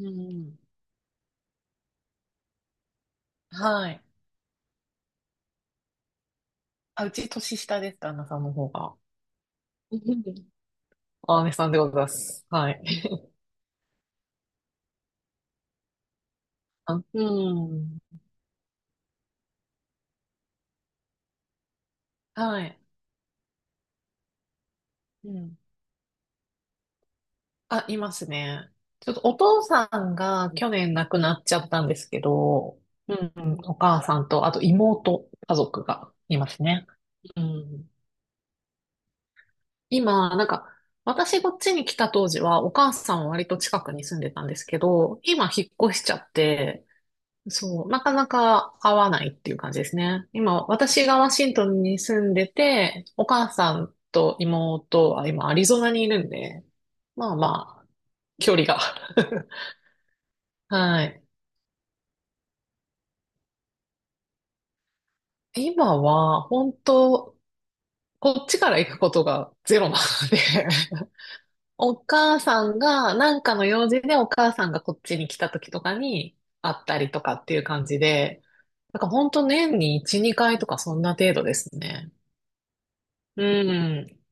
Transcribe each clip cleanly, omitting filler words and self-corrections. うん。はい。あ、うち年下です、旦那さんの方が。うんあ、姉さんでございます。はい。あうん。はい。うん。あ、いますね。ちょっとお父さんが去年亡くなっちゃったんですけど、うん、うんお母さんと、あと妹、家族がいますね。うん。今、なんか、私こっちに来た当時は、お母さんは割と近くに住んでたんですけど、今引っ越しちゃって、そう、なかなか会わないっていう感じですね。今、私がワシントンに住んでて、お母さんと妹は今アリゾナにいるんで、まあまあ、距離が。はい。今は、本当こっちから行くことがゼロなので お母さんが、なんかの用事でお母さんがこっちに来た時とかに会ったりとかっていう感じで、なんか本当年に1、2回とかそんな程度ですね。うん。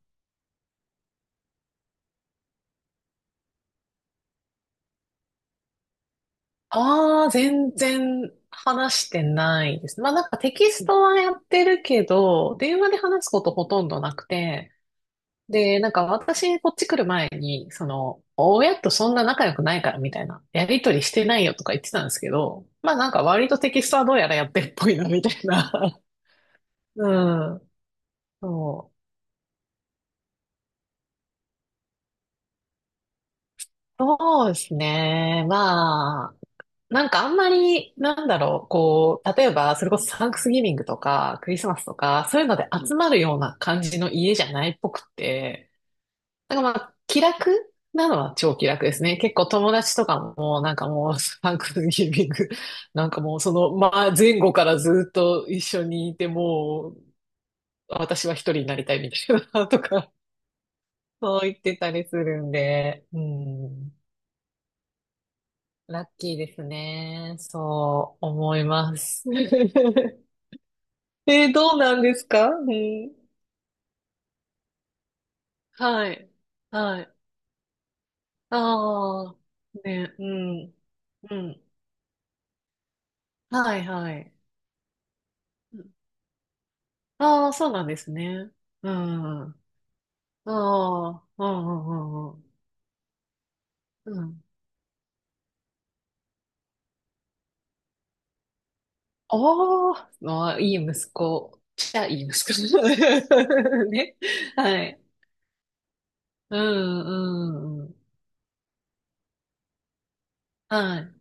ああ、全然話してないです。まあなんかテキストはやってるけど、電話で話すことほとんどなくて、で、なんか私こっち来る前に、その、親とそんな仲良くないからみたいな、やりとりしてないよとか言ってたんですけど、まあなんか割とテキストはどうやらやってるっぽいなみたいな。うん。そう。そうですね。まあ、なんかあんまり、なんだろう、こう、例えば、それこそサンクスギビングとか、クリスマスとか、そういうのでうん集まるような感じの家じゃないっぽくて、なんかまあ、気楽なのは超気楽ですね。結構友達とかも、なんかもう、サンクスギビング、なんかもう、その、まあ、前後からずっと一緒にいて、もう、私は一人になりたいみたいな、とか、そう言ってたりするんで、うん。ラッキーですね。そう思います。えーどうなんですかうん。はい。はい。ああ、ね、うん。うん。はい、はい。ああー、そうなんですね。うん。ああ、うん、うん、うん。うん。ああ、まあ、いい息子。じゃあ、いい息子。ね。はい。うん、うん、うん。はい。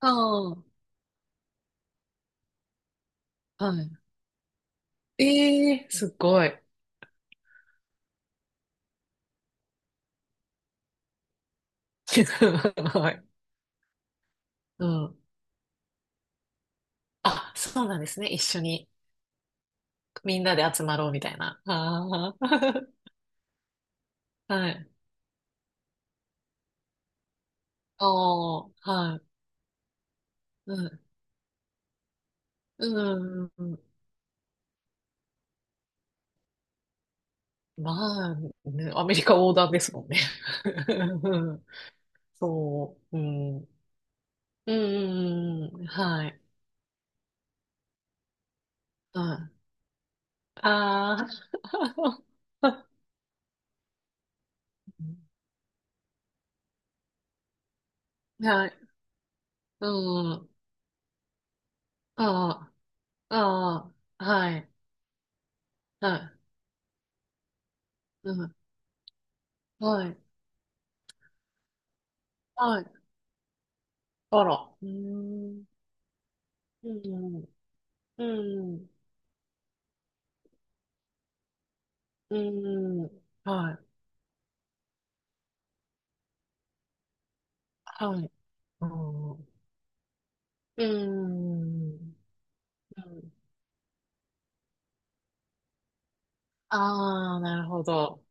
ああ、はい。ええすごい。はい。うん。あ、そうなんですね。一緒に。みんなで集まろうみたいな。あー はい。あーはい。うん。うん。うんうんまあ、ねアメリカ横断ですもんね。うんそう。うん。うん。うんうんはい。うん。ああ。はい。うん。ああ。ああ。はい。はい。うん。はい。はい。あら。うん。うん。うん。うん。はい。はい。うん。うーん。うんああ、なるほど。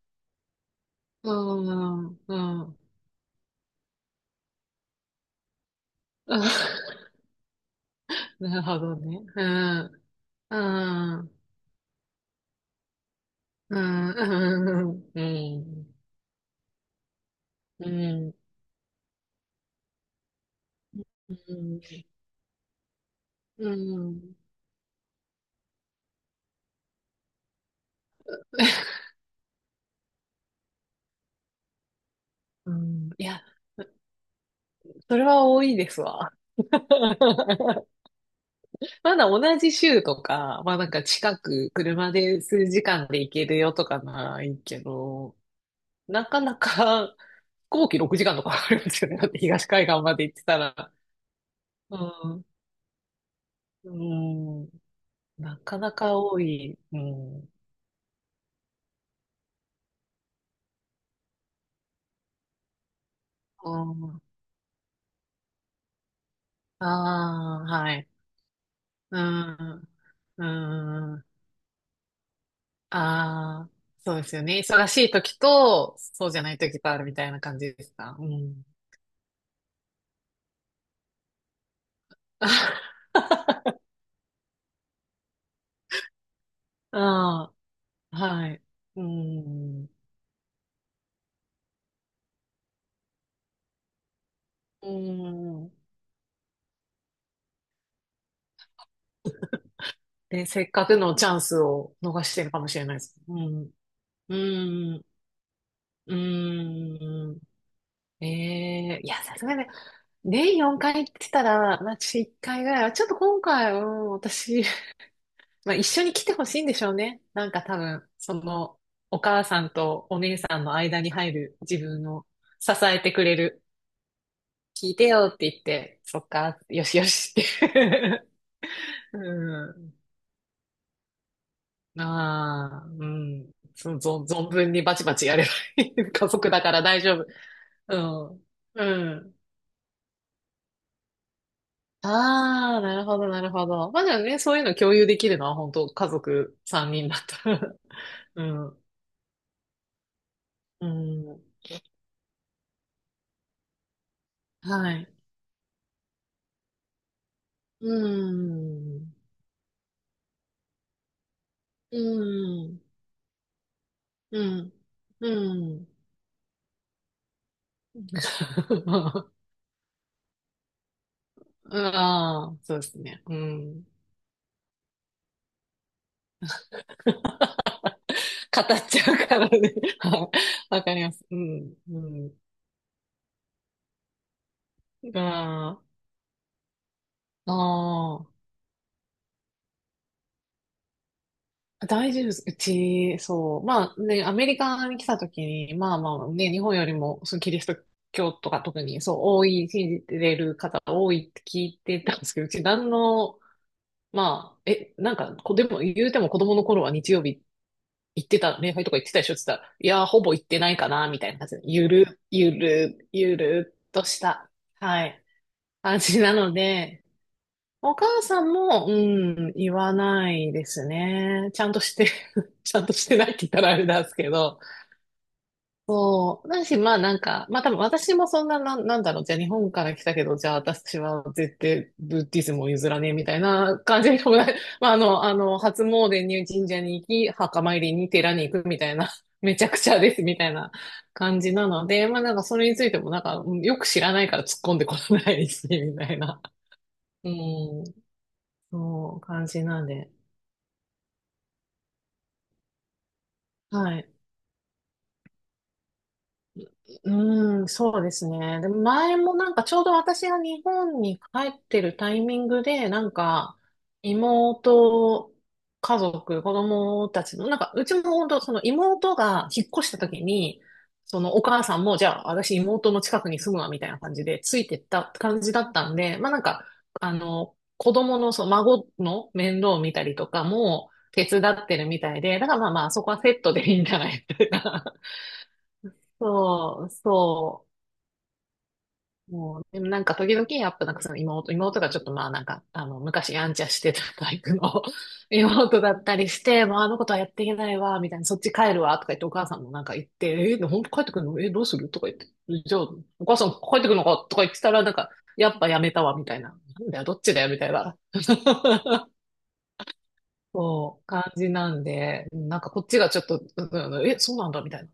うーん。うん。うん なるほどね。うん。うん。うん。うん。うん。うん。うん。うんいや、それは多いですわ。まだ同じ州とか、まあなんか近く車で数時間で行けるよとかないけど、なかなか飛行機6時間とか かかるんですよね。だって東海岸まで行ってたら。うん。うん。なかなか多い。うん。うんああ、はい。うん。うん。ああ、そうですよね。忙しい時と、そうじゃない時とあるみたいな感じですか。うん。ああ、はい。うん。うん。で、せっかくのチャンスを逃してるかもしれないです。うん。うん。うーん。ええいや、さすがに、年4回って言ったら、まあ、私1回ぐらいは、ちょっと今回、うん、私、まあ、一緒に来てほしいんでしょうね。なんか多分、その、お母さんとお姉さんの間に入る自分を支えてくれる。聞いてよって言って、そっか、よしよしって。うん。まあ、うん。その、存分にバチバチやればいい。家族だから大丈夫。うん。うん。ああ、なるほど、なるほど。まあじゃあね、そういうの共有できるのは本当家族3人だったら うん。うん。はい。うん。うん。うん。うん。ああ、そうですね。うん。語っちゃうからね。はいわかります。うん。うん。ああ。ああ。大丈夫です。うち、そう。まあね、アメリカに来た時に、まあまあね、日本よりも、そのキリスト教とか特に、そう、多い、信じてる方多いって聞いてたんですけど、うち何の、まあ、え、なんか、でも、言うても子供の頃は日曜日行ってたね、礼拝とか行ってたでしょって言ったら、いやー、ほぼ行ってないかな、みたいな感じで、ゆるっとした、はい、感じなので、お母さんも、うん、言わないですね。ちゃんとして、ちゃんとしてないって言ったらあれなんですけど。そう。だし、まあなんか、まあ多分私もそんな、なんだろう、じゃあ日本から来たけど、じゃあ私は絶対ブッディズムを譲らねえみたいな感じでもない。まああの、あの、初詣に神社に行き、墓参りに寺に行くみたいな、めちゃくちゃですみたいな感じなので、まあなんかそれについてもなんか、うんよく知らないから突っ込んでこないし、みたいな。うん。そう、感じなんで。はい。うーん、そうですね。で、前もなんかちょうど私が日本に帰ってるタイミングで、なんか妹、家族、子供たちの、なんかうちも本当その妹が引っ越した時に、そのお母さんも、じゃあ私妹の近くに住むわみたいな感じでついてった感じだったんで、まあなんか、あの、子供のその孫の面倒を見たりとかも手伝ってるみたいで、だからまあまあそこはセットでいいんじゃないですか。そう、そう。もう、でもなんか時々やっぱなんかその妹がちょっとまあなんか、あの、昔やんちゃしてたタイプの 妹だったりして、もうあのことはやっていけないわ、みたいな、そっち帰るわ、とか言ってお母さんもなんか言って、えー、ほんと帰ってくるのえどうするとか言って、じゃあ、お母さん帰ってくるのかとか言ってたら、なんか、やっぱやめたわ、みたいな。なんだよ、どっちだよ、みたいな。そう、感じなんで、なんかこっちがちょっと、うんうんえ、そうなんだ、みたいな。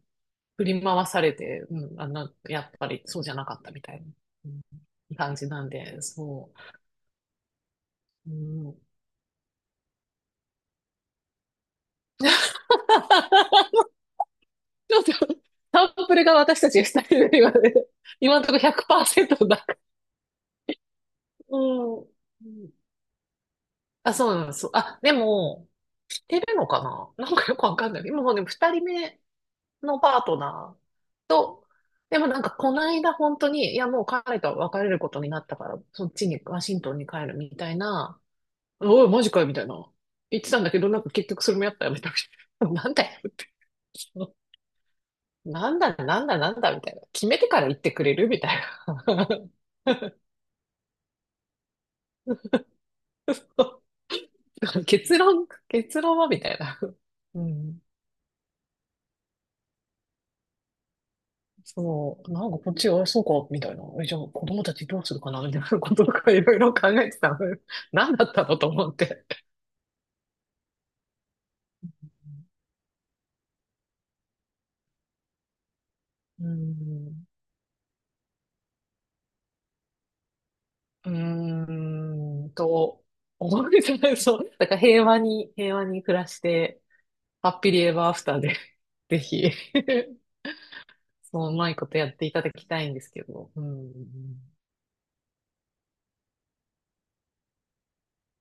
振り回されて、うん、あの、やっぱりそうじゃなかったみたいな、うん感じなんで、そう。うん、ちょっと、サンプルが私たち二人で今ね、今のところ100%だから。うん。うんあ、そうなんです。あ、でも、知ってるのかななんかよくわかんない。今もうね、二人目のパートナーと、でもなんかこの間本当に、いやもう彼と別れることになったから、そっちに、ワシントンに帰るみたいなおい、マジかよ、みたいな。言ってたんだけど、なんか結局それもやったよ、みたいな。なんだよ、って。そうなんだ、なんだ、なんだ、みたいな。決めてから言ってくれるみたいな。結論、結論は、みたいな。うん。そう。なんかこっちが、あそうか、みたいな。え、じゃあ子供たちどうするかな、みたいな こととかいろいろ考えてたの。何だったのと思って。うん。うーんと、思うんですよね。そう。だから平和に、平和に暮らして、ハッピリエバーアフターで ぜひ そう、うまいことやっていただきたいんですけど。うん。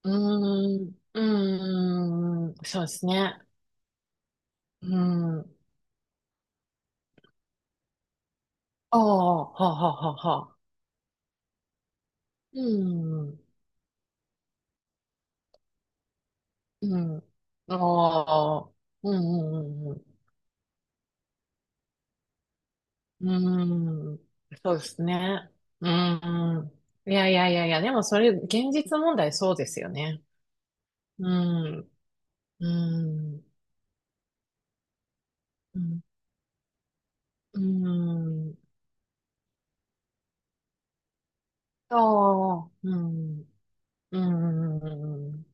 うん。うーん。うーんそうですね。うん。ああ、はあ、はあ、はあ、はあ。うん。うん。ああ。うん、うん、うん、うん。うん。そうですね。うん。いやいやいやいや、でもそれ、現実問題そうですよね。うん。うん。うん。うん。ああ、うん、うん、うん、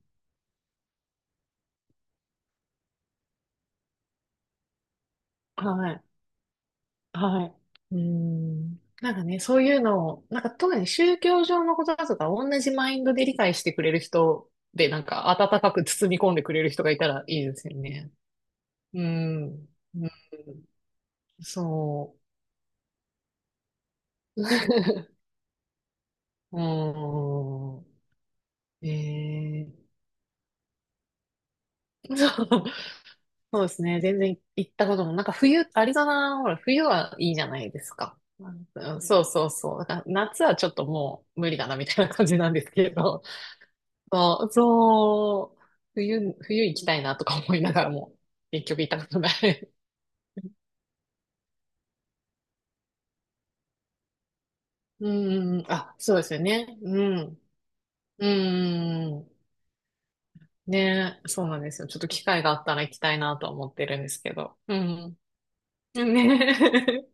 はい、はい、うん。なんかね、そういうのを、なんか特に宗教上のことだとか、同じマインドで理解してくれる人で、なんか温かく包み込んでくれる人がいたらいいですよね。うん、うん、そう。うん。ええそう。そうですね。全然行ったことも、なんか冬、アリゾナ、ほら、冬はいいじゃないですか。うんそうそうそう。だから夏はちょっともう無理だなみたいな感じなんですけど、そう、そう、冬行きたいなとか思いながらも、結局行ったことない。うん、あ、そうですよね。うん、うん、ね、そうなんですよ。ちょっと機会があったら行きたいなとは思ってるんですけど。うん、ね。